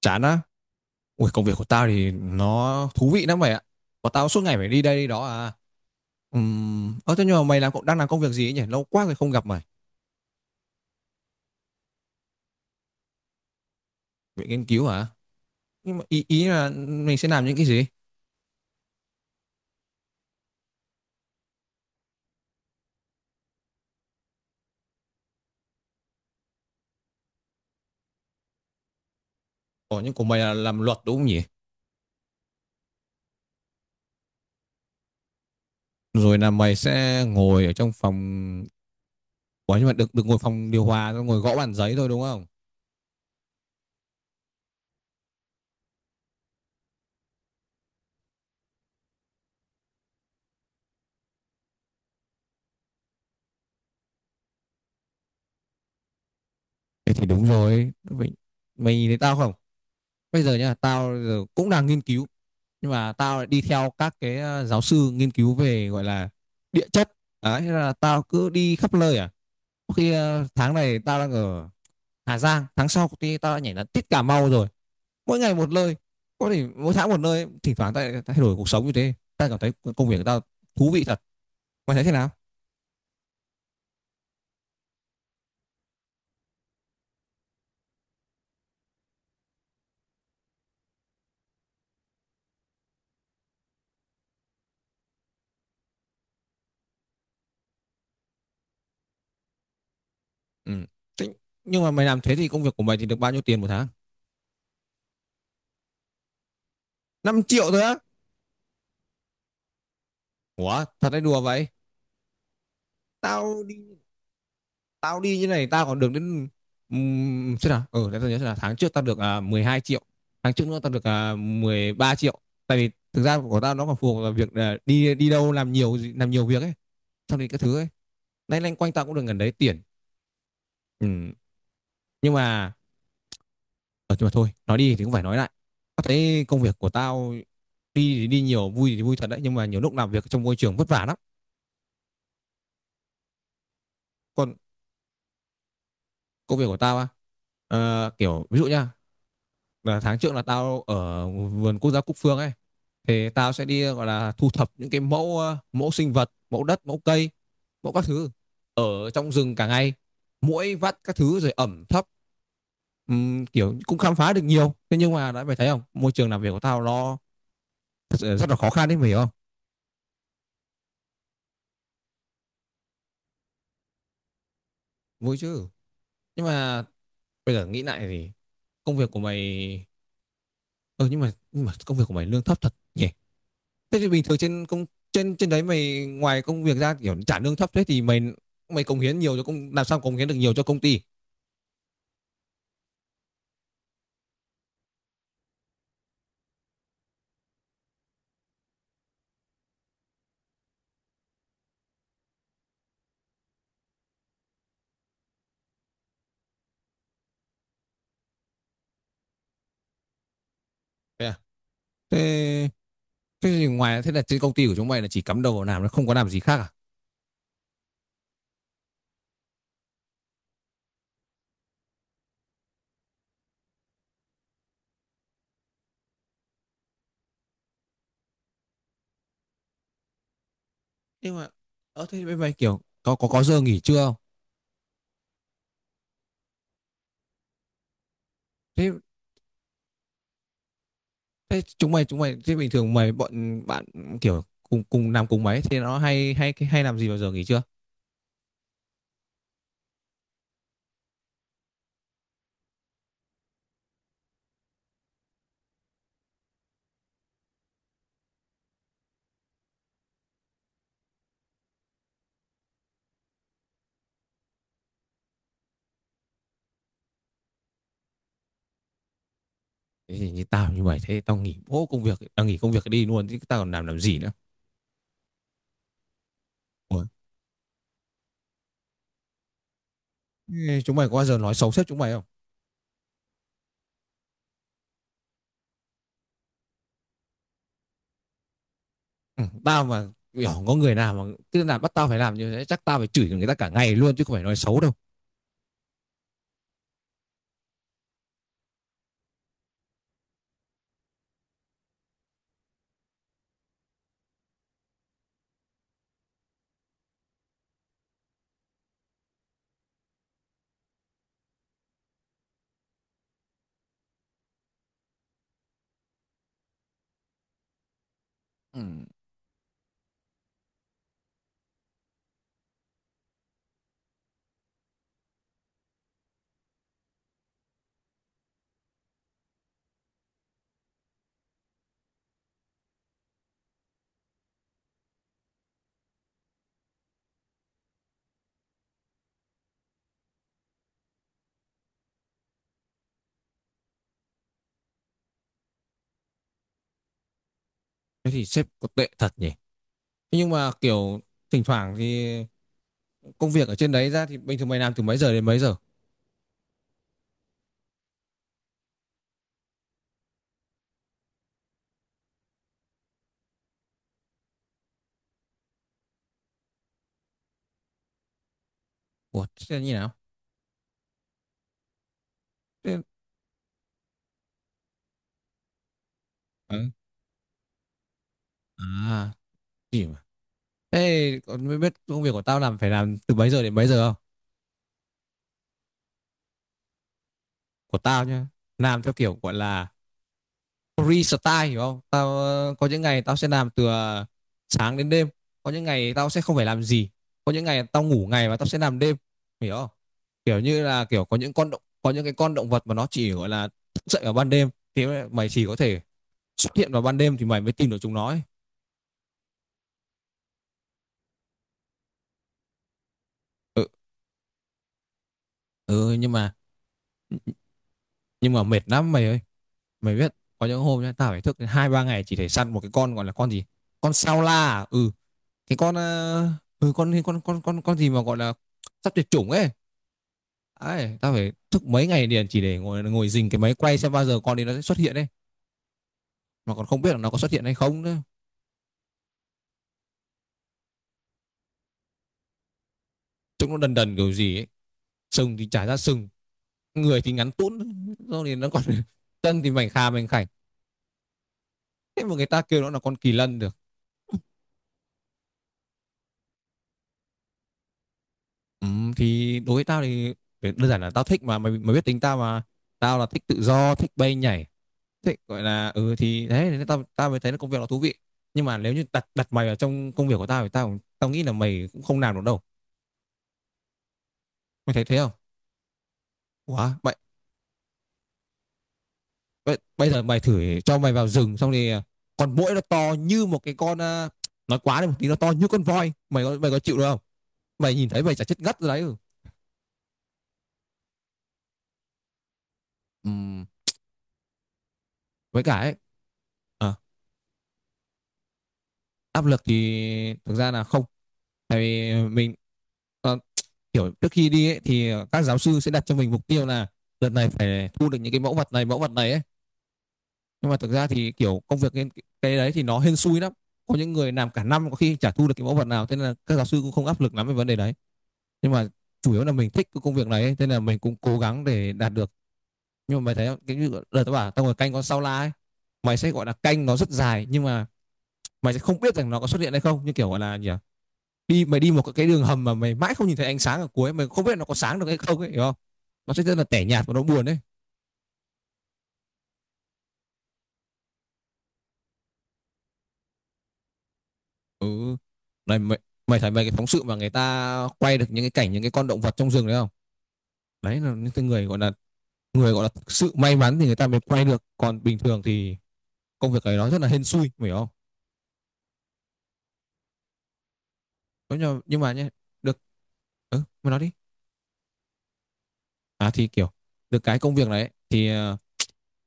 Chán á? Ui, công việc của tao thì nó thú vị lắm mày ạ. Của tao suốt ngày phải đi đây đi đó à. Ơ thế nhưng mà mày đang làm công việc gì ấy nhỉ, lâu quá rồi không gặp mày. Viện nghiên cứu hả? Nhưng mà ý ý là mình sẽ làm những cái gì? Ủa, nhưng của mày là làm luật đúng không nhỉ? Rồi là mày sẽ ngồi ở trong phòng. Ủa, nhưng mà được được ngồi phòng điều hòa, ngồi gõ bàn giấy thôi đúng không? Thế thì đúng rồi mày. Mày nhìn thấy tao không? Bây giờ nha, tao giờ cũng đang nghiên cứu, nhưng mà tao lại đi theo các cái giáo sư nghiên cứu về, gọi là, địa chất. Đấy, thế là tao cứ đi khắp nơi à. Có khi tháng này tao đang ở Hà Giang, tháng sau thì tao đã nhảy đến tít Cà Mau rồi. Mỗi ngày một nơi, có thể mỗi tháng một nơi, thỉnh thoảng tao thay đổi cuộc sống như thế, tao cảm thấy công việc của tao thú vị thật. Mày thấy thế nào? Ừ. Thế, nhưng mà mày làm thế thì công việc của mày thì được bao nhiêu tiền một tháng? 5 triệu thôi á? Ủa, thật hay đùa vậy? tao đi Tao đi như này tao còn được đến, xem nào, ừ, để tao nhớ xem nào, tháng trước tao được 12 triệu, tháng trước nữa tao được 13 triệu. Tại vì thực ra của tao nó còn phù hợp vào việc, đi đi đâu, làm nhiều việc ấy, xong thì các thứ ấy. Nay lanh quanh tao cũng được gần đấy tiền. Ừ. Nhưng mà, ở, nhưng mà thôi, nói đi thì cũng phải nói lại, tao thấy công việc của tao đi thì đi nhiều, vui thì vui thật đấy, nhưng mà nhiều lúc làm việc trong môi trường vất vả lắm. Còn công việc của tao á, kiểu ví dụ nhá. Và tháng trước là tao ở vườn quốc gia Cúc Phương ấy, thì tao sẽ đi, gọi là, thu thập những cái mẫu, mẫu sinh vật, mẫu đất, mẫu cây, mẫu các thứ ở trong rừng cả ngày, muỗi vắt các thứ rồi ẩm thấp. Kiểu cũng khám phá được nhiều. Thế nhưng mà đã, mày thấy không, môi trường làm việc của tao nó thật sự rất là khó khăn đấy, mày hiểu không? Vui chứ. Nhưng mà bây giờ nghĩ lại thì công việc của mày, ừ, nhưng mà công việc của mày lương thấp thật nhỉ? Thế thì bình thường trên công, trên trên đấy mày, ngoài công việc ra, kiểu trả lương thấp thế thì mày, mày cống hiến nhiều cho công làm sao cống hiến được nhiều cho công ty? Thế, à? Thế thế thì ngoài, thế là trên công ty của chúng mày là chỉ cắm đầu vào làm, nó không có làm gì khác à? Nhưng mà, ở, thế bên mày kiểu có giờ nghỉ trưa không? Thế, thế chúng mày thế bình thường mày bọn bạn kiểu cùng cùng làm cùng mấy thì nó hay hay hay làm gì vào giờ nghỉ trưa? Thế thì như tao như mày, thế tao nghỉ bố công việc, tao nghỉ công việc đi luôn chứ tao còn làm gì nữa. Ủa? Chúng mày có bao giờ nói xấu sếp chúng mày không? Ừ, tao mà kiểu có người nào mà cứ là bắt tao phải làm như thế, chắc tao phải chửi người ta cả ngày luôn chứ không phải nói xấu đâu. Ừ. Thế thì sếp có tệ thật nhỉ. Thế nhưng mà kiểu thỉnh thoảng thì công việc ở trên đấy ra thì bình thường mày làm từ mấy giờ đến mấy giờ? Ủa, thế là như nào? Thế... Ừ. À, gì mà, thế còn mới biết công việc của tao làm phải làm từ mấy giờ đến mấy giờ không? Của tao nhá, làm theo kiểu, gọi là, restyle, hiểu không? Tao có những ngày tao sẽ làm từ sáng đến đêm, có những ngày tao sẽ không phải làm gì, có những ngày tao ngủ ngày và tao sẽ làm đêm, hiểu không? Kiểu như là kiểu có những con động có những cái con động vật mà nó chỉ, gọi là, thức dậy vào ban đêm, thì mày chỉ có thể xuất hiện vào ban đêm thì mày mới tìm được chúng nó ấy. Ừ, ừ, nhưng mà mệt lắm mày ơi. Mày biết có những hôm nhá tao phải thức đến 2 3 ngày chỉ để săn một cái con, gọi là con gì, con sao la à? Ừ, cái con ừ, con con gì mà gọi là sắp tuyệt chủng ấy. Ấy, tao phải thức mấy ngày liền chỉ để ngồi ngồi rình cái máy quay xem bao giờ con đi nó sẽ xuất hiện ấy. Mà còn không biết là nó có xuất hiện hay không nữa. Trông nó đần đần kiểu gì ấy. Sừng thì chả ra sừng, người thì ngắn tún, rồi thì nó còn chân thì mảnh khà mảnh khảnh. Thế mà người ta kêu nó là con kỳ lân được. Ừ, thì đối với tao thì đơn giản là tao thích mà mày, mày biết tính tao mà. Tao là thích tự do, thích bay nhảy. Thích, gọi là, ừ thì đấy nên tao tao mới thấy nó, công việc nó thú vị. Nhưng mà nếu như đặt đặt mày vào trong công việc của tao thì tao, nghĩ là mày cũng không làm được đâu. Mày thấy thế không? Ủa, mày, bây giờ mày thử cho mày vào rừng xong thì, con muỗi nó to như một cái con, nói quá đi một tí nó to như con voi, mày có chịu được không? Mày nhìn thấy mày chả chết ngất rồi đấy. Ừ. Ừm, với cả ấy, à, áp lực thì thực ra là không, tại vì mình, ờ, kiểu trước khi đi ấy, thì các giáo sư sẽ đặt cho mình mục tiêu là đợt này phải thu được những cái mẫu vật này ấy, nhưng mà thực ra thì kiểu công việc cái đấy thì nó hên xui lắm. Có những người làm cả năm có khi chả thu được cái mẫu vật nào, thế nên là các giáo sư cũng không áp lực lắm về vấn đề đấy. Nhưng mà chủ yếu là mình thích cái công việc này ấy, thế là mình cũng cố gắng để đạt được. Nhưng mà mày thấy, cái như đợt tao bảo tao ngồi canh con sao la ấy, mày sẽ, gọi là, canh nó rất dài, nhưng mà mày sẽ không biết rằng nó có xuất hiện hay không, như kiểu, gọi là gì à, đi mày, đi một cái đường hầm mà mày mãi không nhìn thấy ánh sáng ở cuối, mày không biết nó có sáng được hay không ấy, hiểu không? Nó sẽ rất là tẻ nhạt và nó buồn đấy. Ừ, này mày, mày thấy mấy cái phóng sự mà người ta quay được những cái cảnh những cái con động vật trong rừng đấy không? Đấy là những cái người, gọi là, thực sự may mắn thì người ta mới quay được, còn bình thường thì công việc ấy nó rất là hên xui, mày hiểu không? Đúng rồi, nhưng mà nhé, được, ừ, mày nói đi. À thì kiểu, được cái công việc đấy ấy, thì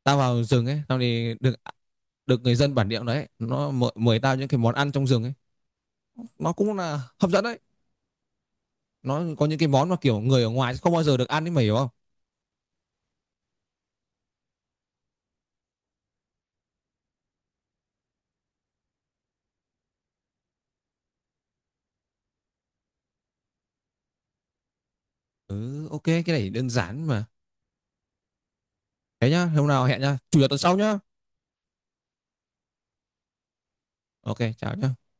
tao vào rừng ấy, tao thì được được người dân bản địa đấy, nó mời, mời tao những cái món ăn trong rừng ấy. Nó cũng là hấp dẫn đấy. Nó có những cái món mà kiểu người ở ngoài không bao giờ được ăn ấy, mày hiểu không? Ừ, ok, cái này đơn giản mà. Thế nhá, hôm nào hẹn nhá, chủ nhật tuần sau nhá. Ok, chào nhá.